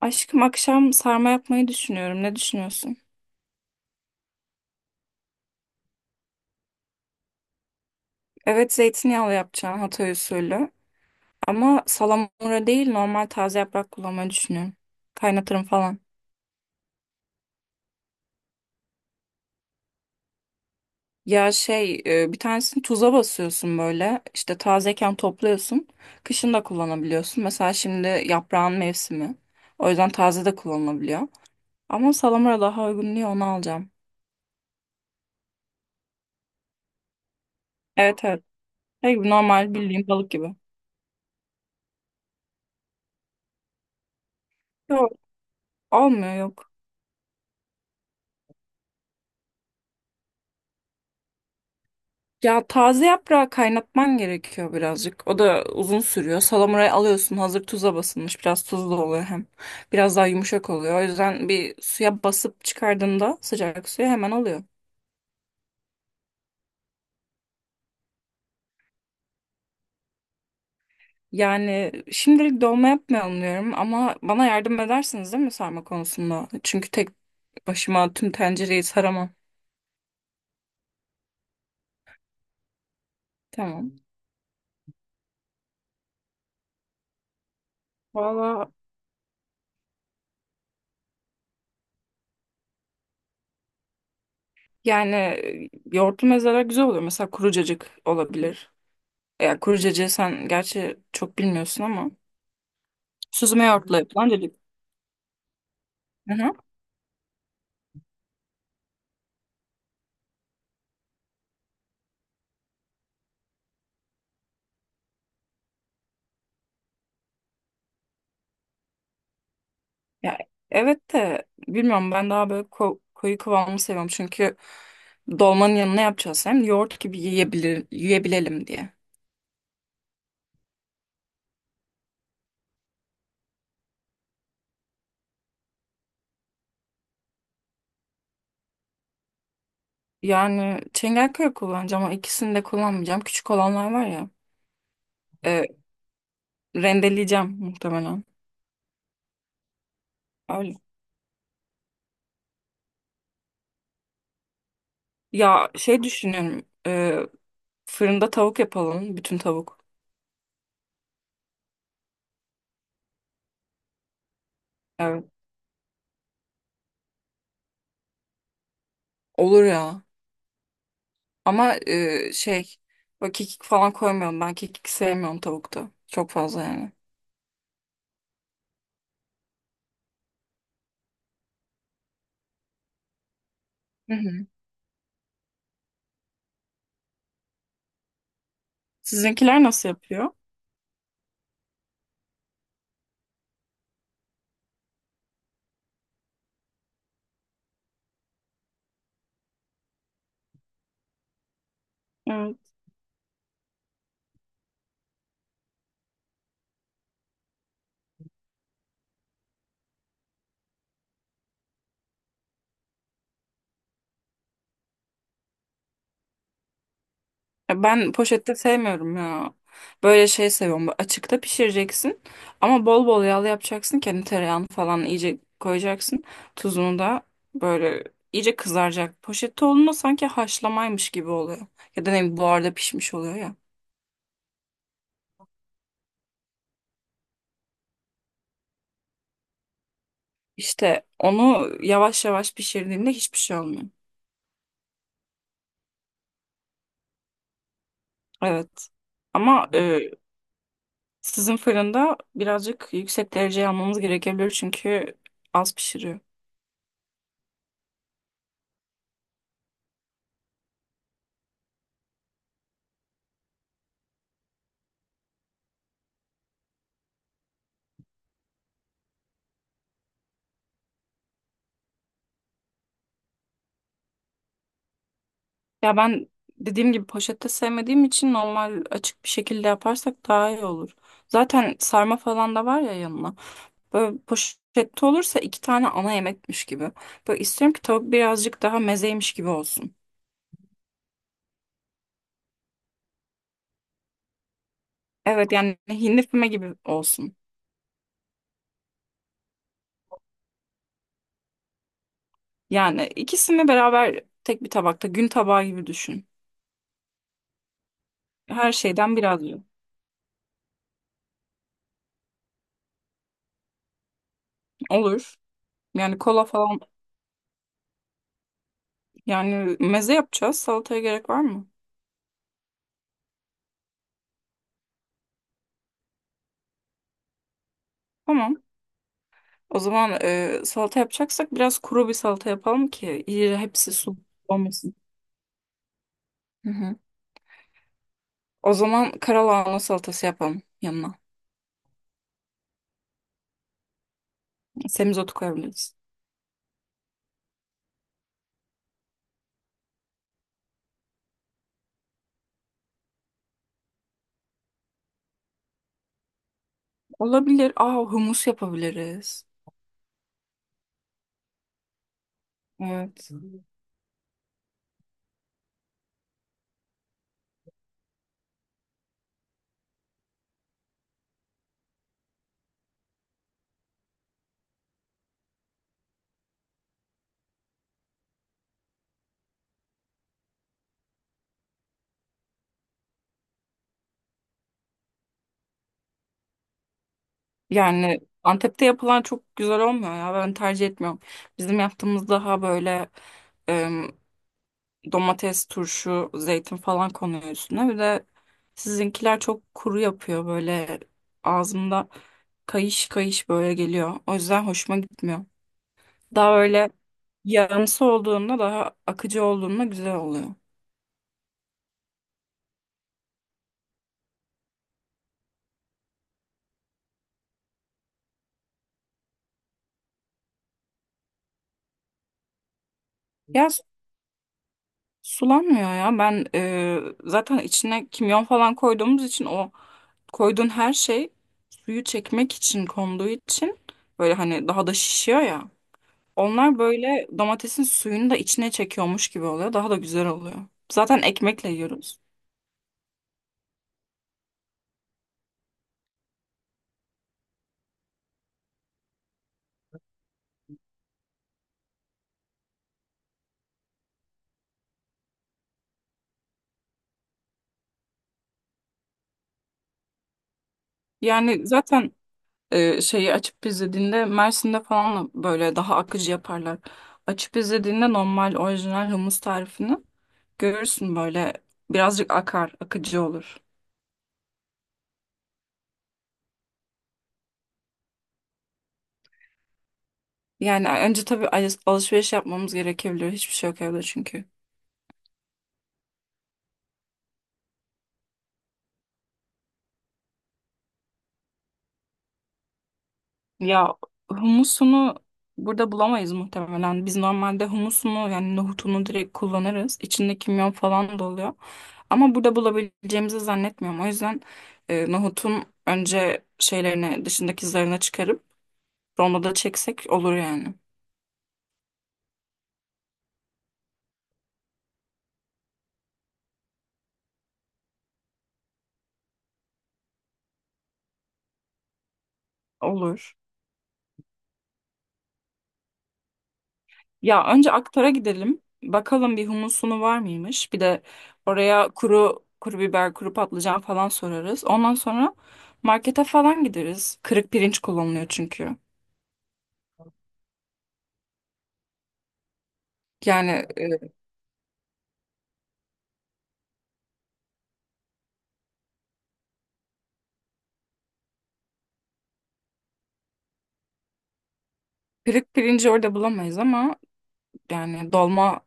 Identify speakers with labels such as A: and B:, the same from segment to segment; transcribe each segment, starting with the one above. A: Aşkım akşam sarma yapmayı düşünüyorum. Ne düşünüyorsun? Evet, zeytinyağlı yapacağım Hatay usulü. Ama salamura değil, normal taze yaprak kullanmayı düşünüyorum. Kaynatırım falan. Bir tanesini tuza basıyorsun böyle. İşte tazeyken topluyorsun. Kışın da kullanabiliyorsun. Mesela şimdi yaprağın mevsimi. O yüzden taze de kullanılabiliyor. Ama salamura daha uygun diye onu alacağım. Evet, evet. Şey gibi, normal bildiğin balık gibi. Yok, olmuyor, yok. Ya taze yaprağı kaynatman gerekiyor birazcık. O da uzun sürüyor. Salamurayı alıyorsun, hazır tuza basılmış. Biraz tuzlu oluyor hem. Biraz daha yumuşak oluyor. O yüzden bir suya basıp çıkardığında sıcak suya hemen oluyor. Yani şimdilik dolma yapmayalım diyorum, ama bana yardım edersiniz değil mi sarma konusunda? Çünkü tek başıma tüm tencereyi saramam. Tamam. Valla Yoğurtlu mezeler güzel oluyor. Mesela kuru cacık olabilir. Yani kuru cacığı sen gerçi çok bilmiyorsun ama. Süzme yoğurtla yapılan cacık. Hı hı. Ya, evet de bilmiyorum, ben daha böyle koyu kıvamı seviyorum. Çünkü dolmanın yanına yapacağız hem yoğurt gibi yiyebilir, yiyebilelim diye. Yani Çengelköy kullanacağım ama ikisini de kullanmayacağım. Küçük olanlar var ya. e, Rendeleyeceğim muhtemelen. Öyle. Ya şey düşünüyorum. Fırında tavuk yapalım. Bütün tavuk. Evet. Olur ya. Ama böyle kekik falan koymayalım. Ben kekik sevmiyorum tavukta. Çok fazla yani. Sizinkiler nasıl yapıyor? Evet. Ya, ben poşette sevmiyorum ya. Böyle şey seviyorum. Böyle açıkta pişireceksin ama bol bol yağlı yapacaksın. Kendi tereyağını falan iyice koyacaksın. Tuzunu da böyle iyice kızaracak. Poşette olduğunda sanki haşlamaymış gibi oluyor. Ya da ne bileyim, buharda pişmiş oluyor ya. İşte onu yavaş yavaş pişirdiğinde hiçbir şey olmuyor. Evet. Ama sizin fırında birazcık yüksek dereceye almamız gerekebilir çünkü az pişiriyor. Ya ben dediğim gibi poşette sevmediğim için normal açık bir şekilde yaparsak daha iyi olur. Zaten sarma falan da var ya yanına. Böyle poşette olursa iki tane ana yemekmiş gibi. Böyle istiyorum ki tavuk birazcık daha mezeymiş gibi olsun. Evet, yani hindi füme gibi olsun. Yani ikisini beraber tek bir tabakta gün tabağı gibi düşün. Her şeyden biraz yiyor. Olur. Yani kola falan, yani meze yapacağız. Salataya gerek var mı? Tamam. O zaman salata yapacaksak biraz kuru bir salata yapalım ki iyice hepsi su olmasın. Hı hı. O zaman karalahana salatası yapalım yanına. Semizotu koyabiliriz. Olabilir. Aa, humus yapabiliriz. Evet. Yani Antep'te yapılan çok güzel olmuyor ya. Ben tercih etmiyorum. Bizim yaptığımız daha böyle domates, turşu, zeytin falan konuyor üstüne. Bir de sizinkiler çok kuru yapıyor, böyle ağzımda kayış kayış böyle geliyor. O yüzden hoşuma gitmiyor. Daha öyle yağımsı olduğunda, daha akıcı olduğunda güzel oluyor. Ya su- sulanmıyor ya, ben zaten içine kimyon falan koyduğumuz için o, koyduğun her şey suyu çekmek için konduğu için böyle hani daha da şişiyor ya. Onlar böyle domatesin suyunu da içine çekiyormuş gibi oluyor. Daha da güzel oluyor. Zaten ekmekle yiyoruz. Yani zaten şeyi açıp izlediğinde Mersin'de falan böyle daha akıcı yaparlar. Açıp izlediğinde normal orijinal humus tarifini görürsün, böyle birazcık akar, akıcı olur. Yani önce tabii alışveriş yapmamız gerekebilir. Hiçbir şey yok evde çünkü. Ya, humusunu burada bulamayız muhtemelen. Biz normalde humusunu, yani nohutunu direkt kullanırız. İçinde kimyon falan da oluyor. Ama burada bulabileceğimizi zannetmiyorum. O yüzden nohutun önce şeylerini dışındaki zarına çıkarıp rondoda çeksek olur yani. Olur. Ya önce Aktar'a gidelim. Bakalım bir humusunu var mıymış. Bir de oraya kuru kuru biber, kuru patlıcan falan sorarız. Ondan sonra markete falan gideriz. Kırık pirinç kullanılıyor çünkü. Yani e, kırık pirinci orada bulamayız ama yani dolma.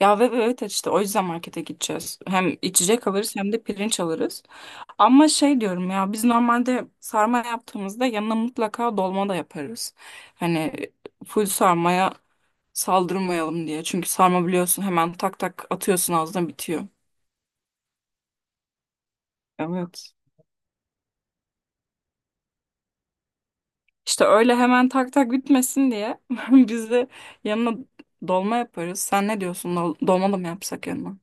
A: Ya ve evet evet işte o yüzden markete gideceğiz. Hem içecek alırız hem de pirinç alırız. Ama şey diyorum ya, biz normalde sarma yaptığımızda yanına mutlaka dolma da yaparız. Hani full sarmaya saldırmayalım diye. Çünkü sarma biliyorsun, hemen tak tak atıyorsun ağzına, bitiyor. Evet. İşte öyle hemen tak tak bitmesin diye biz de yanına dolma yaparız. Sen ne diyorsun? Dolma da mı yapsak yanına?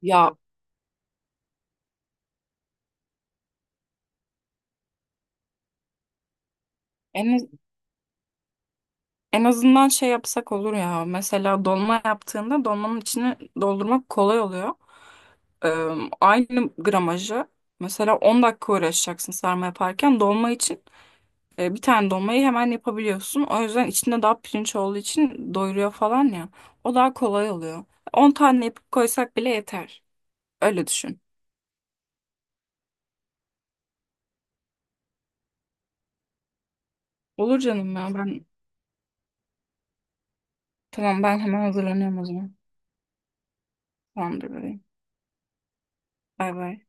A: Ya en En azından şey yapsak olur ya. Mesela dolma yaptığında dolmanın içini doldurmak kolay oluyor. Ee, Aynı gramajı mesela 10 dakika uğraşacaksın sarma yaparken dolma için bir tane dolmayı hemen yapabiliyorsun. O yüzden içinde daha pirinç olduğu için doyuruyor falan ya. O daha kolay oluyor. 10 tane yapıp koysak bile yeter. Öyle düşün. Olur canım, ya ben. Tamam, ben hemen hazırlanıyorum o zaman. Tamamdır bebeğim. Bay bay.